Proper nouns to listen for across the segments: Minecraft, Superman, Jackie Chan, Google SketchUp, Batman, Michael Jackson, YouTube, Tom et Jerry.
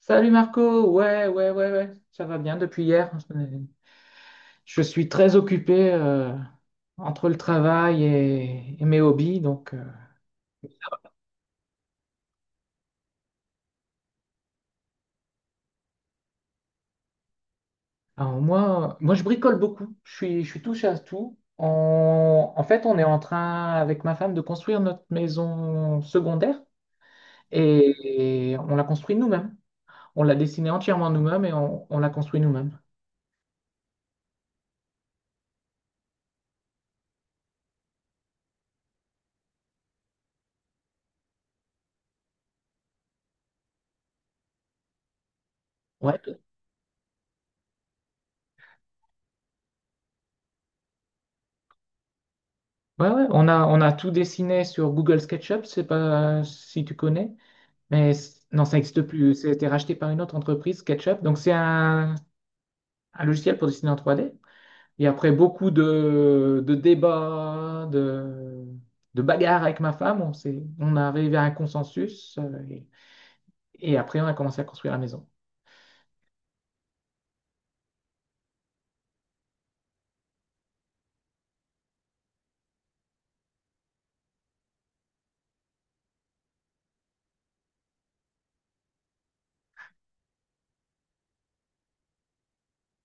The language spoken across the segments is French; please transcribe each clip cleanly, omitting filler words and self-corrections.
Salut Marco, ouais, ouais, ouais, ouais, ça va bien depuis hier. Je suis très occupé, entre le travail et mes hobbies. Donc je bricole beaucoup. Je suis touche à tout. En fait, on est en train, avec ma femme, de construire notre maison secondaire et on l'a construite nous-mêmes. On l'a dessinée entièrement nous-mêmes et on l'a construite nous-mêmes. Ouais, ouais, ouais. On a tout dessiné sur Google SketchUp, c'est pas si tu connais. Non, ça n'existe plus. Ça été racheté par une autre entreprise, SketchUp. Donc, c'est un logiciel pour dessiner en 3D. Et après beaucoup de débats, de bagarres avec ma femme, on est arrivé à un consensus. Et après, on a commencé à construire la maison.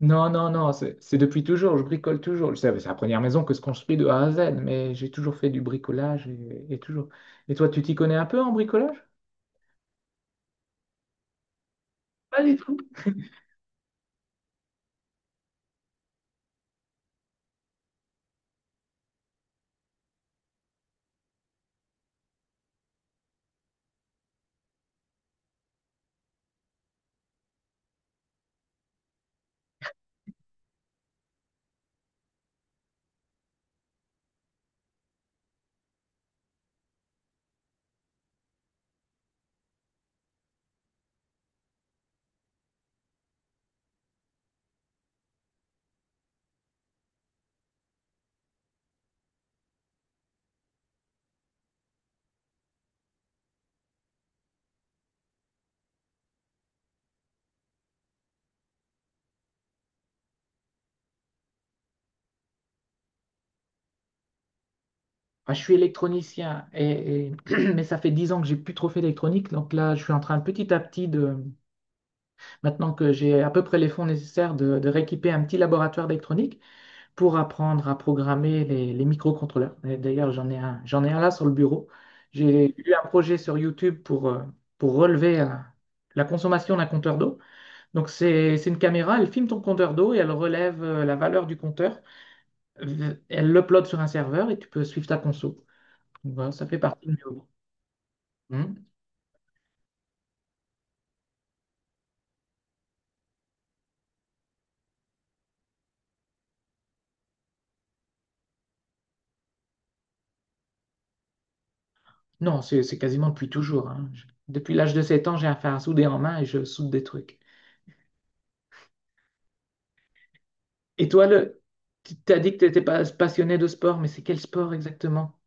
Non, non, non, c'est depuis toujours. Je bricole toujours. C'est la première maison que je construis de A à Z, mais j'ai toujours fait du bricolage et toujours. Et toi, tu t'y connais un peu en bricolage? Pas du tout. Ah, je suis électronicien, mais ça fait dix ans que j'ai plus trop fait d'électronique. Donc là, je suis en train petit à petit maintenant que j'ai à peu près les fonds nécessaires, de rééquiper un petit laboratoire d'électronique pour apprendre à programmer les microcontrôleurs. Et d'ailleurs, j'en ai un là sur le bureau. J'ai eu un projet sur YouTube pour relever la consommation d'un compteur d'eau. Donc c'est une caméra, elle filme ton compteur d'eau et elle relève, la valeur du compteur. Elle l'upload sur un serveur et tu peux suivre ta conso. Voilà, ça fait partie de mes hobbies. Hmm. Non, c'est quasiment depuis toujours, hein. Depuis l'âge de 7 ans, j'ai un fer à souder en main et je soude des trucs. Et toi, tu t'as dit que tu étais pas passionné de sport, mais c'est quel sport exactement?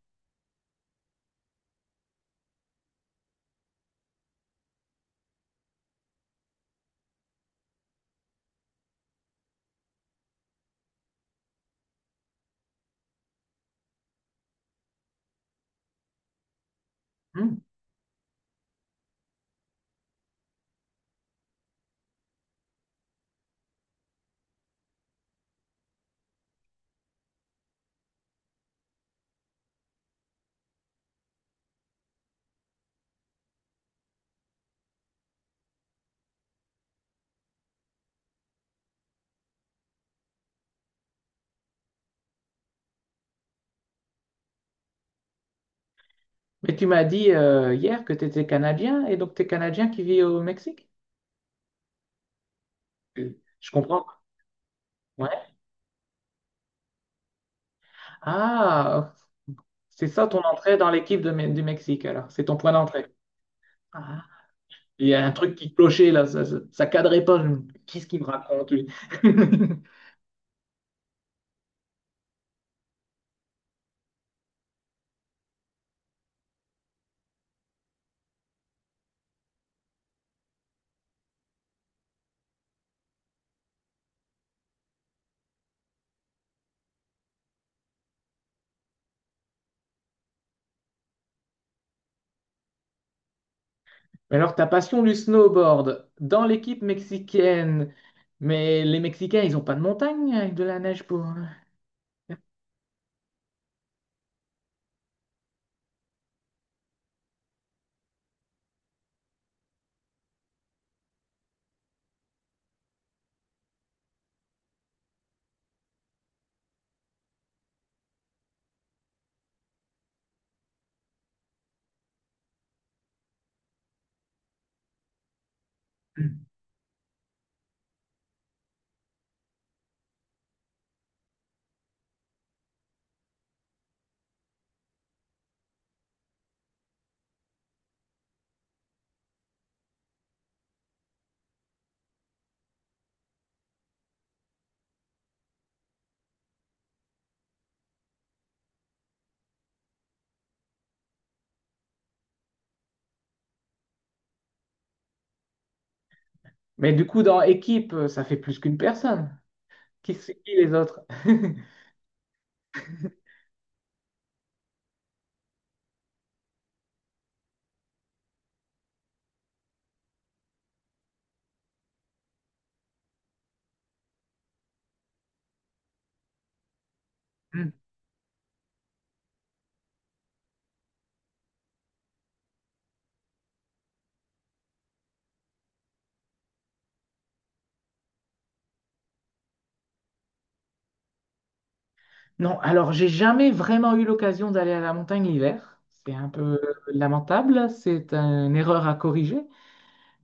Hmm. Mais tu m'as dit, hier, que tu étais Canadien, et donc tu es Canadien qui vit au Mexique? Je comprends. Ouais. Ah, c'est ça ton entrée dans l'équipe de du Mexique alors. C'est ton point d'entrée. Ah. Il y a un truc qui clochait là, ça cadrait pas. Qu'est-ce qu'il me raconte lui? Mais alors, ta passion du snowboard dans l'équipe mexicaine, mais les Mexicains, ils n'ont pas de montagne avec de la neige pour. Mais du coup, dans équipe, ça fait plus qu'une personne. Qui c'est qui les autres? Non, alors j'ai jamais vraiment eu l'occasion d'aller à la montagne l'hiver. C'est un peu lamentable, c'est une erreur à corriger.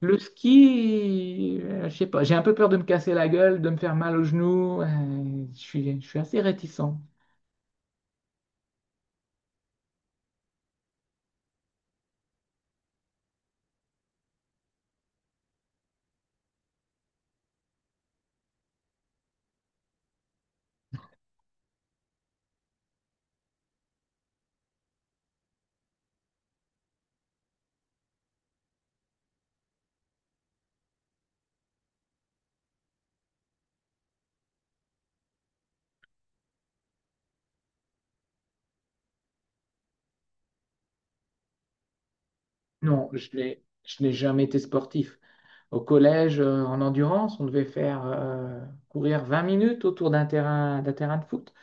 Le ski, je sais pas, j'ai un peu peur de me casser la gueule, de me faire mal aux genoux. Je suis assez réticent. Non, je n'ai jamais été sportif. Au collège, en endurance, on devait faire, courir 20 minutes autour d'un terrain de foot.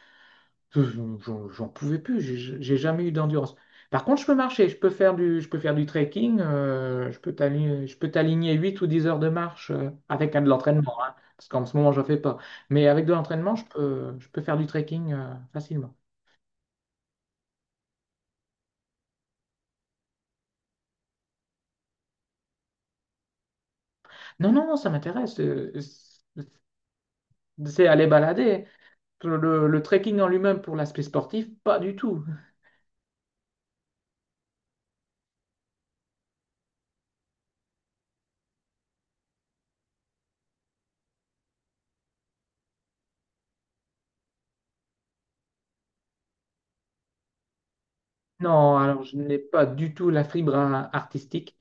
Je- j'en pouvais plus, j'ai jamais eu d'endurance. Par contre, je peux marcher, je peux faire du trekking, je peux t'aligner 8 ou 10 heures de marche, avec, de l'entraînement, hein, parce qu'en ce moment, j'en fais pas. Mais avec de l'entraînement, je peux faire du trekking facilement. Non, non, non, ça m'intéresse. C'est aller balader. Le trekking en lui-même pour l'aspect sportif, pas du tout. Non, alors je n'ai pas du tout la fibre artistique.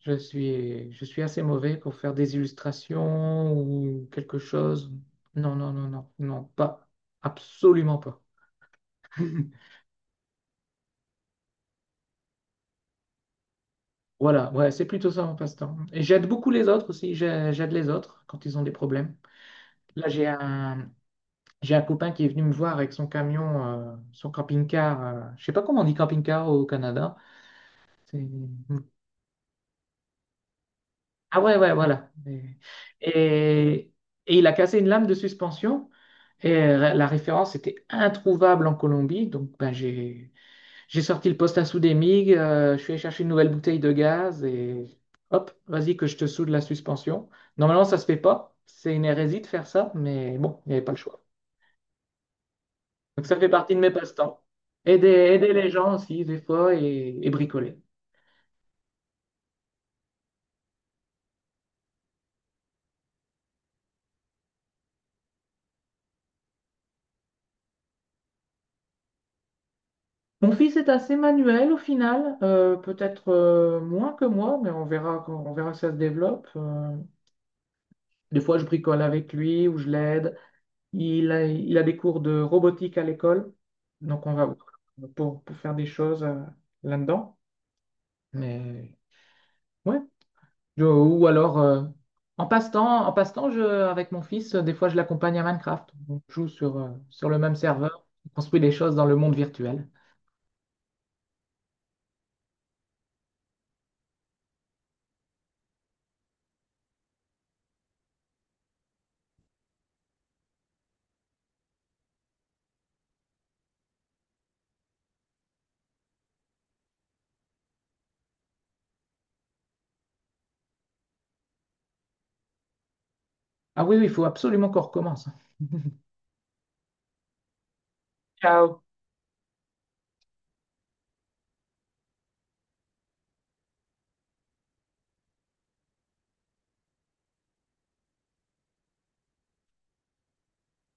Je suis assez mauvais pour faire des illustrations ou quelque chose. Non, non, non, non, non, pas, absolument pas. Voilà, ouais, c'est plutôt ça mon passe-temps. Et j'aide beaucoup les autres aussi, j'aide les autres quand ils ont des problèmes. Là, j'ai un copain qui est venu me voir avec son camion, son camping-car. Je sais pas comment on dit camping-car au Canada. C'est... Ah ouais, ouais, voilà. Et, et il a cassé une lame de suspension. Et la référence était introuvable en Colombie. Donc ben, j'ai sorti le poste à souder MIG, je suis allé chercher une nouvelle bouteille de gaz et hop, vas-y que je te soude la suspension. Normalement, ça se fait pas. C'est une hérésie de faire ça, mais bon, il n'y avait pas le choix. Donc ça fait partie de mes passe-temps. Aider, aider les gens aussi, des fois, et bricoler. Mon fils est assez manuel au final, peut-être moins que moi, mais on verra, on verra si ça se développe. Des fois, je bricole avec lui ou je l'aide. Il a des cours de robotique à l'école, donc on va voir pour faire des choses là-dedans. Mais ouais. Ou alors, en passe-temps, avec mon fils, des fois, je l'accompagne à Minecraft. On joue sur, sur le même serveur, on construit des choses dans le monde virtuel. Ah oui, oui, il faut absolument qu'on recommence. Ciao.